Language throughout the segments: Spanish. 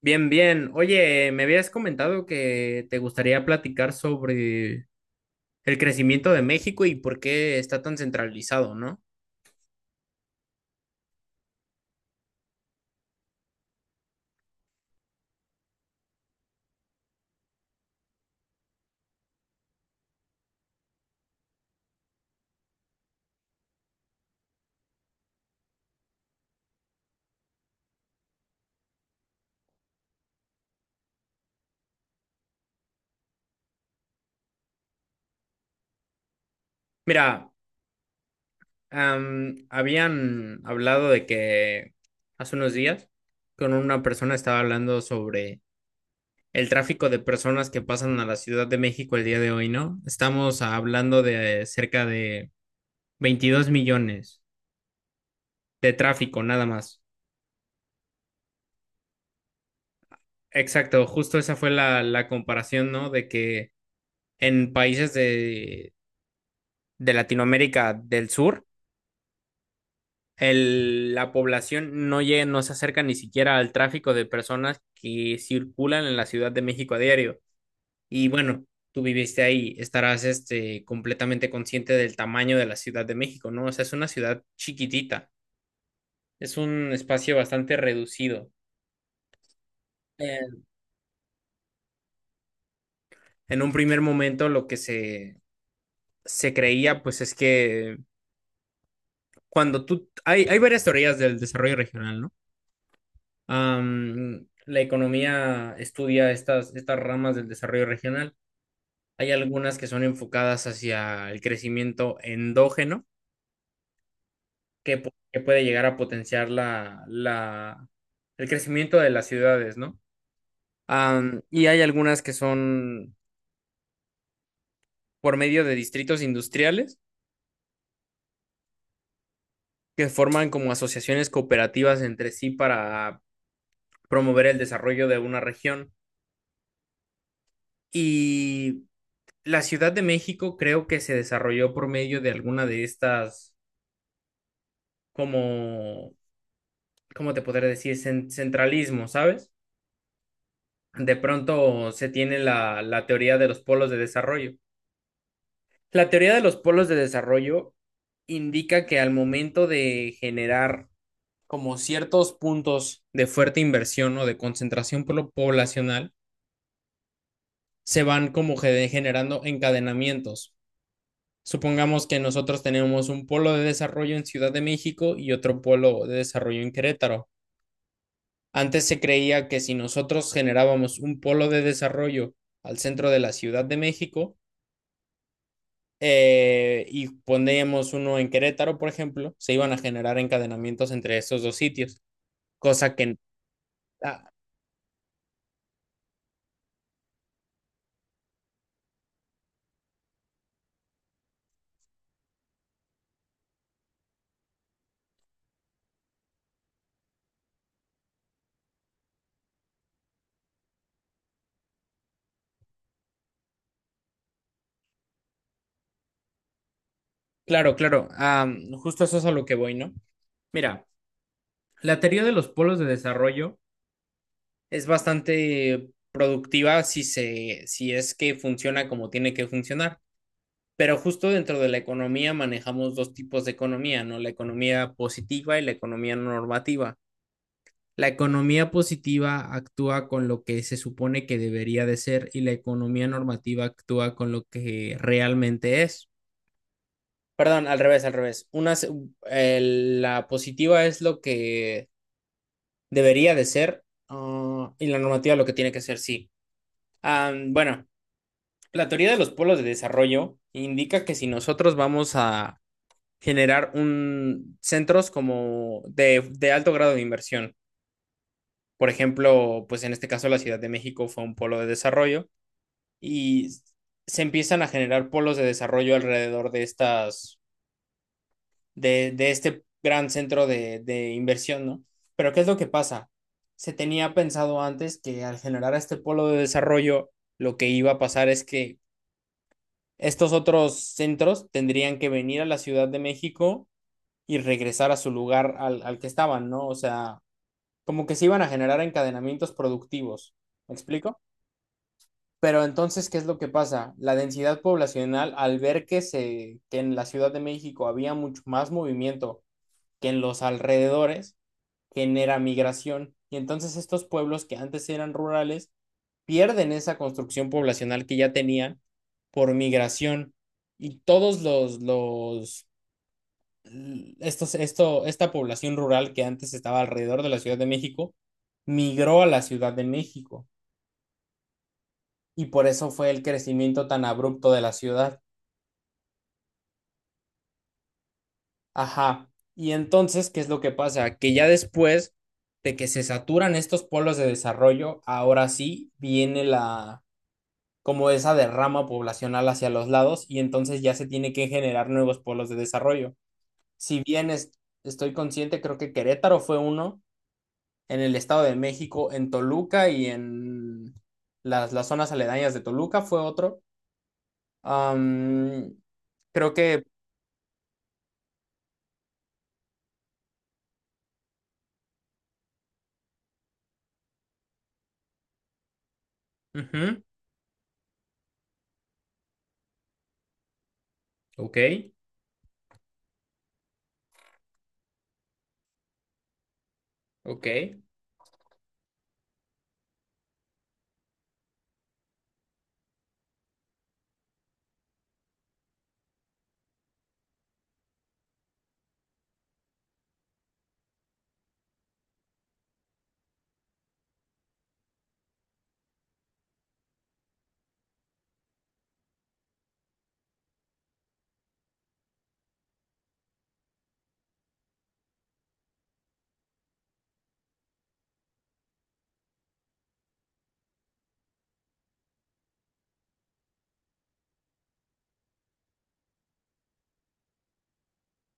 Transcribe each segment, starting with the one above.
Bien, bien. Oye, me habías comentado que te gustaría platicar sobre el crecimiento de México y por qué está tan centralizado, ¿no? Mira, habían hablado de que hace unos días con una persona estaba hablando sobre el tráfico de personas que pasan a la Ciudad de México el día de hoy, ¿no? Estamos hablando de cerca de 22 millones de tráfico, nada más. Exacto, justo esa fue la comparación, ¿no? De que en países de Latinoamérica del Sur, la población no llega, no se acerca ni siquiera al tráfico de personas que circulan en la Ciudad de México a diario. Y bueno, tú viviste ahí, estarás este, completamente consciente del tamaño de la Ciudad de México, ¿no? O sea, es una ciudad chiquitita, es un espacio bastante reducido. Eh, en un primer momento lo que se creía, pues es que hay varias teorías del desarrollo regional, ¿no? La economía estudia estas ramas del desarrollo regional. Hay algunas que son enfocadas hacia el crecimiento endógeno, que puede llegar a potenciar el crecimiento de las ciudades, ¿no? Y hay algunas que son por medio de distritos industriales, que forman como asociaciones cooperativas entre sí para promover el desarrollo de una región. Y la Ciudad de México creo que se desarrolló por medio de alguna de estas, como, ¿cómo te podría decir? Centralismo, ¿sabes? De pronto se tiene la teoría de los polos de desarrollo. La teoría de los polos de desarrollo indica que al momento de generar como ciertos puntos de fuerte inversión o de concentración poblacional, se van como generando encadenamientos. Supongamos que nosotros tenemos un polo de desarrollo en Ciudad de México y otro polo de desarrollo en Querétaro. Antes se creía que si nosotros generábamos un polo de desarrollo al centro de la Ciudad de México y poníamos uno en Querétaro, por ejemplo, se iban a generar encadenamientos entre estos dos sitios, cosa que... ah, claro, claro, justo eso es a lo que voy, ¿no? Mira, la teoría de los polos de desarrollo es bastante productiva si es que funciona como tiene que funcionar. Pero justo dentro de la economía manejamos dos tipos de economía, ¿no? La economía positiva y la economía normativa. La economía positiva actúa con lo que se supone que debería de ser y la economía normativa actúa con lo que realmente es. Perdón, al revés, al revés. Una, eh, la positiva es lo que debería de ser, y la normativa lo que tiene que ser, sí. Bueno, la teoría de los polos de desarrollo indica que si nosotros vamos a generar un centros como de alto grado de inversión, por ejemplo, pues en este caso la Ciudad de México fue un polo de desarrollo y se empiezan a generar polos de desarrollo alrededor de estas, de este gran centro de inversión, ¿no? Pero ¿qué es lo que pasa? Se tenía pensado antes que al generar este polo de desarrollo, lo que iba a pasar es que estos otros centros tendrían que venir a la Ciudad de México y regresar a su lugar al que estaban, ¿no? O sea, como que se iban a generar encadenamientos productivos. ¿Me explico? Pero entonces, ¿qué es lo que pasa? La densidad poblacional, al ver que en la Ciudad de México había mucho más movimiento que en los alrededores, genera migración. Y entonces estos pueblos que antes eran rurales pierden esa construcción poblacional que ya tenían por migración, y todos los, estos, esto, esta población rural que antes estaba alrededor de la Ciudad de México migró a la Ciudad de México y por eso fue el crecimiento tan abrupto de la ciudad. Ajá. Y entonces, ¿qué es lo que pasa? Que ya después de que se saturan estos polos de desarrollo, ahora sí viene la, como esa derrama poblacional hacia los lados y entonces ya se tiene que generar nuevos polos de desarrollo. Si bien es- Estoy consciente, creo que Querétaro fue uno, en el Estado de México, en Toluca y en las zonas aledañas de Toluca fue otro. Am, Creo que... ujú. Ok, ok.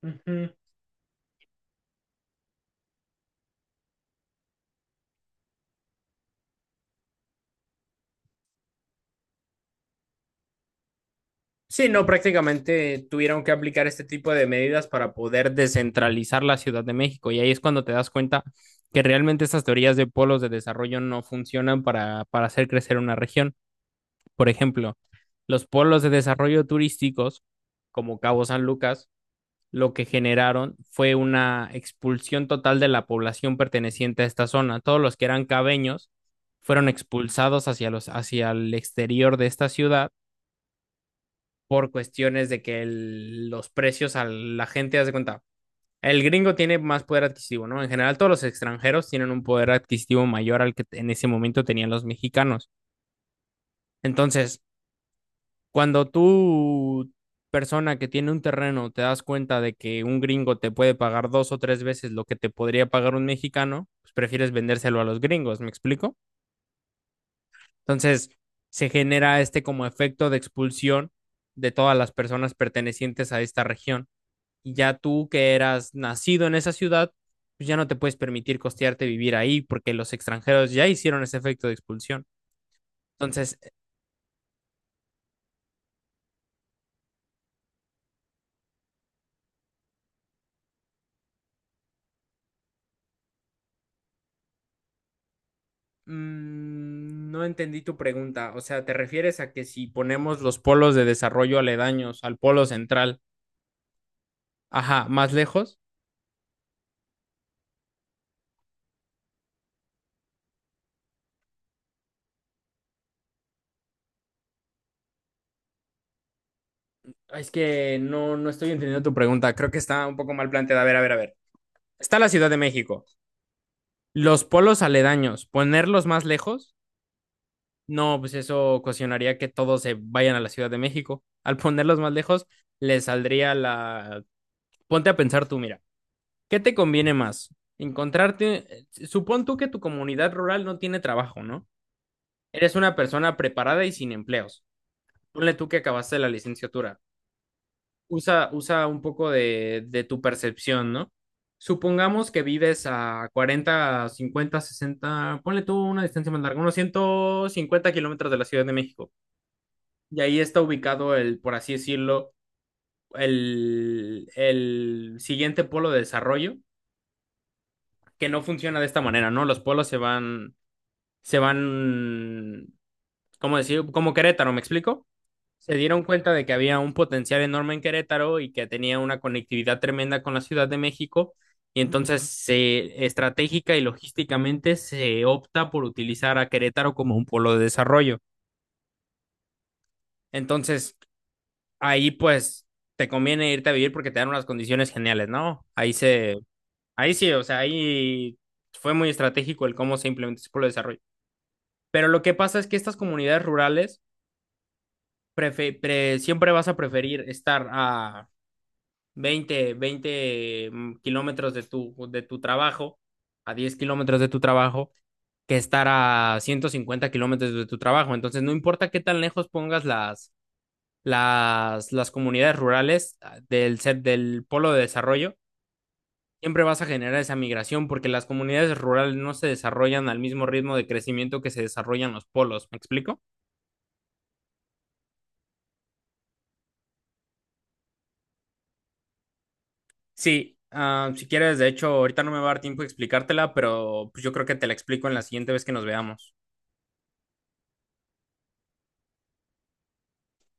Ujú. Sí, no, prácticamente tuvieron que aplicar este tipo de medidas para poder descentralizar la Ciudad de México. Y ahí es cuando te das cuenta que realmente estas teorías de polos de desarrollo no funcionan para hacer crecer una región. Por ejemplo, los polos de desarrollo turísticos, como Cabo San Lucas, lo que generaron fue una expulsión total de la población perteneciente a esta zona. Todos los que eran cabeños fueron expulsados hacia hacia el exterior de esta ciudad por cuestiones de que los precios a la gente, haz de cuenta, el gringo tiene más poder adquisitivo, ¿no? En general, todos los extranjeros tienen un poder adquisitivo mayor al que en ese momento tenían los mexicanos. Entonces, cuando tú, persona que tiene un terreno, te das cuenta de que un gringo te puede pagar dos o tres veces lo que te podría pagar un mexicano, pues prefieres vendérselo a los gringos, ¿me explico? Entonces, se genera este como efecto de expulsión de todas las personas pertenecientes a esta región. Y ya tú que eras nacido en esa ciudad, pues ya no te puedes permitir costearte vivir ahí porque los extranjeros ya hicieron ese efecto de expulsión. Entonces, no entendí tu pregunta. O sea, ¿te refieres a que si ponemos los polos de desarrollo aledaños al polo central, ajá, más lejos? Es que no, no estoy entendiendo tu pregunta. Creo que está un poco mal planteada. A ver, a ver, a ver. Está la Ciudad de México. Los polos aledaños, ponerlos más lejos. No, pues eso ocasionaría que todos se vayan a la Ciudad de México. Al ponerlos más lejos, les saldría la... Ponte a pensar tú, mira, ¿qué te conviene más? Encontrarte... Supón tú que tu comunidad rural no tiene trabajo, ¿no? Eres una persona preparada y sin empleos. Ponle tú que acabaste la licenciatura. Usa un poco de tu percepción, ¿no? Supongamos que vives a 40, 50, 60. Ponle tú una distancia más larga, unos 150 kilómetros de la Ciudad de México. Y ahí está ubicado el, por así decirlo, el siguiente polo de desarrollo, que no funciona de esta manera, ¿no? Los polos se van, ¿cómo decir? Como Querétaro, ¿me explico? Se dieron cuenta de que había un potencial enorme en Querétaro y que tenía una conectividad tremenda con la Ciudad de México, y entonces estratégica y logísticamente se opta por utilizar a Querétaro como un polo de desarrollo. Entonces, ahí pues te conviene irte a vivir porque te dan unas condiciones geniales, ¿no? Ahí se, ahí sí, o sea, ahí fue muy estratégico el cómo se implementó ese pueblo de desarrollo. Pero lo que pasa es que estas comunidades rurales siempre vas a preferir estar a veinte kilómetros de de tu trabajo, a 10 kilómetros de tu trabajo, que estar a 150 kilómetros de tu trabajo. Entonces, no importa qué tan lejos pongas las comunidades rurales del polo de desarrollo, siempre vas a generar esa migración porque las comunidades rurales no se desarrollan al mismo ritmo de crecimiento que se desarrollan los polos. ¿Me explico? Sí. Si quieres, de hecho, ahorita no me va a dar tiempo de explicártela, pero pues, yo creo que te la explico en la siguiente vez que nos veamos.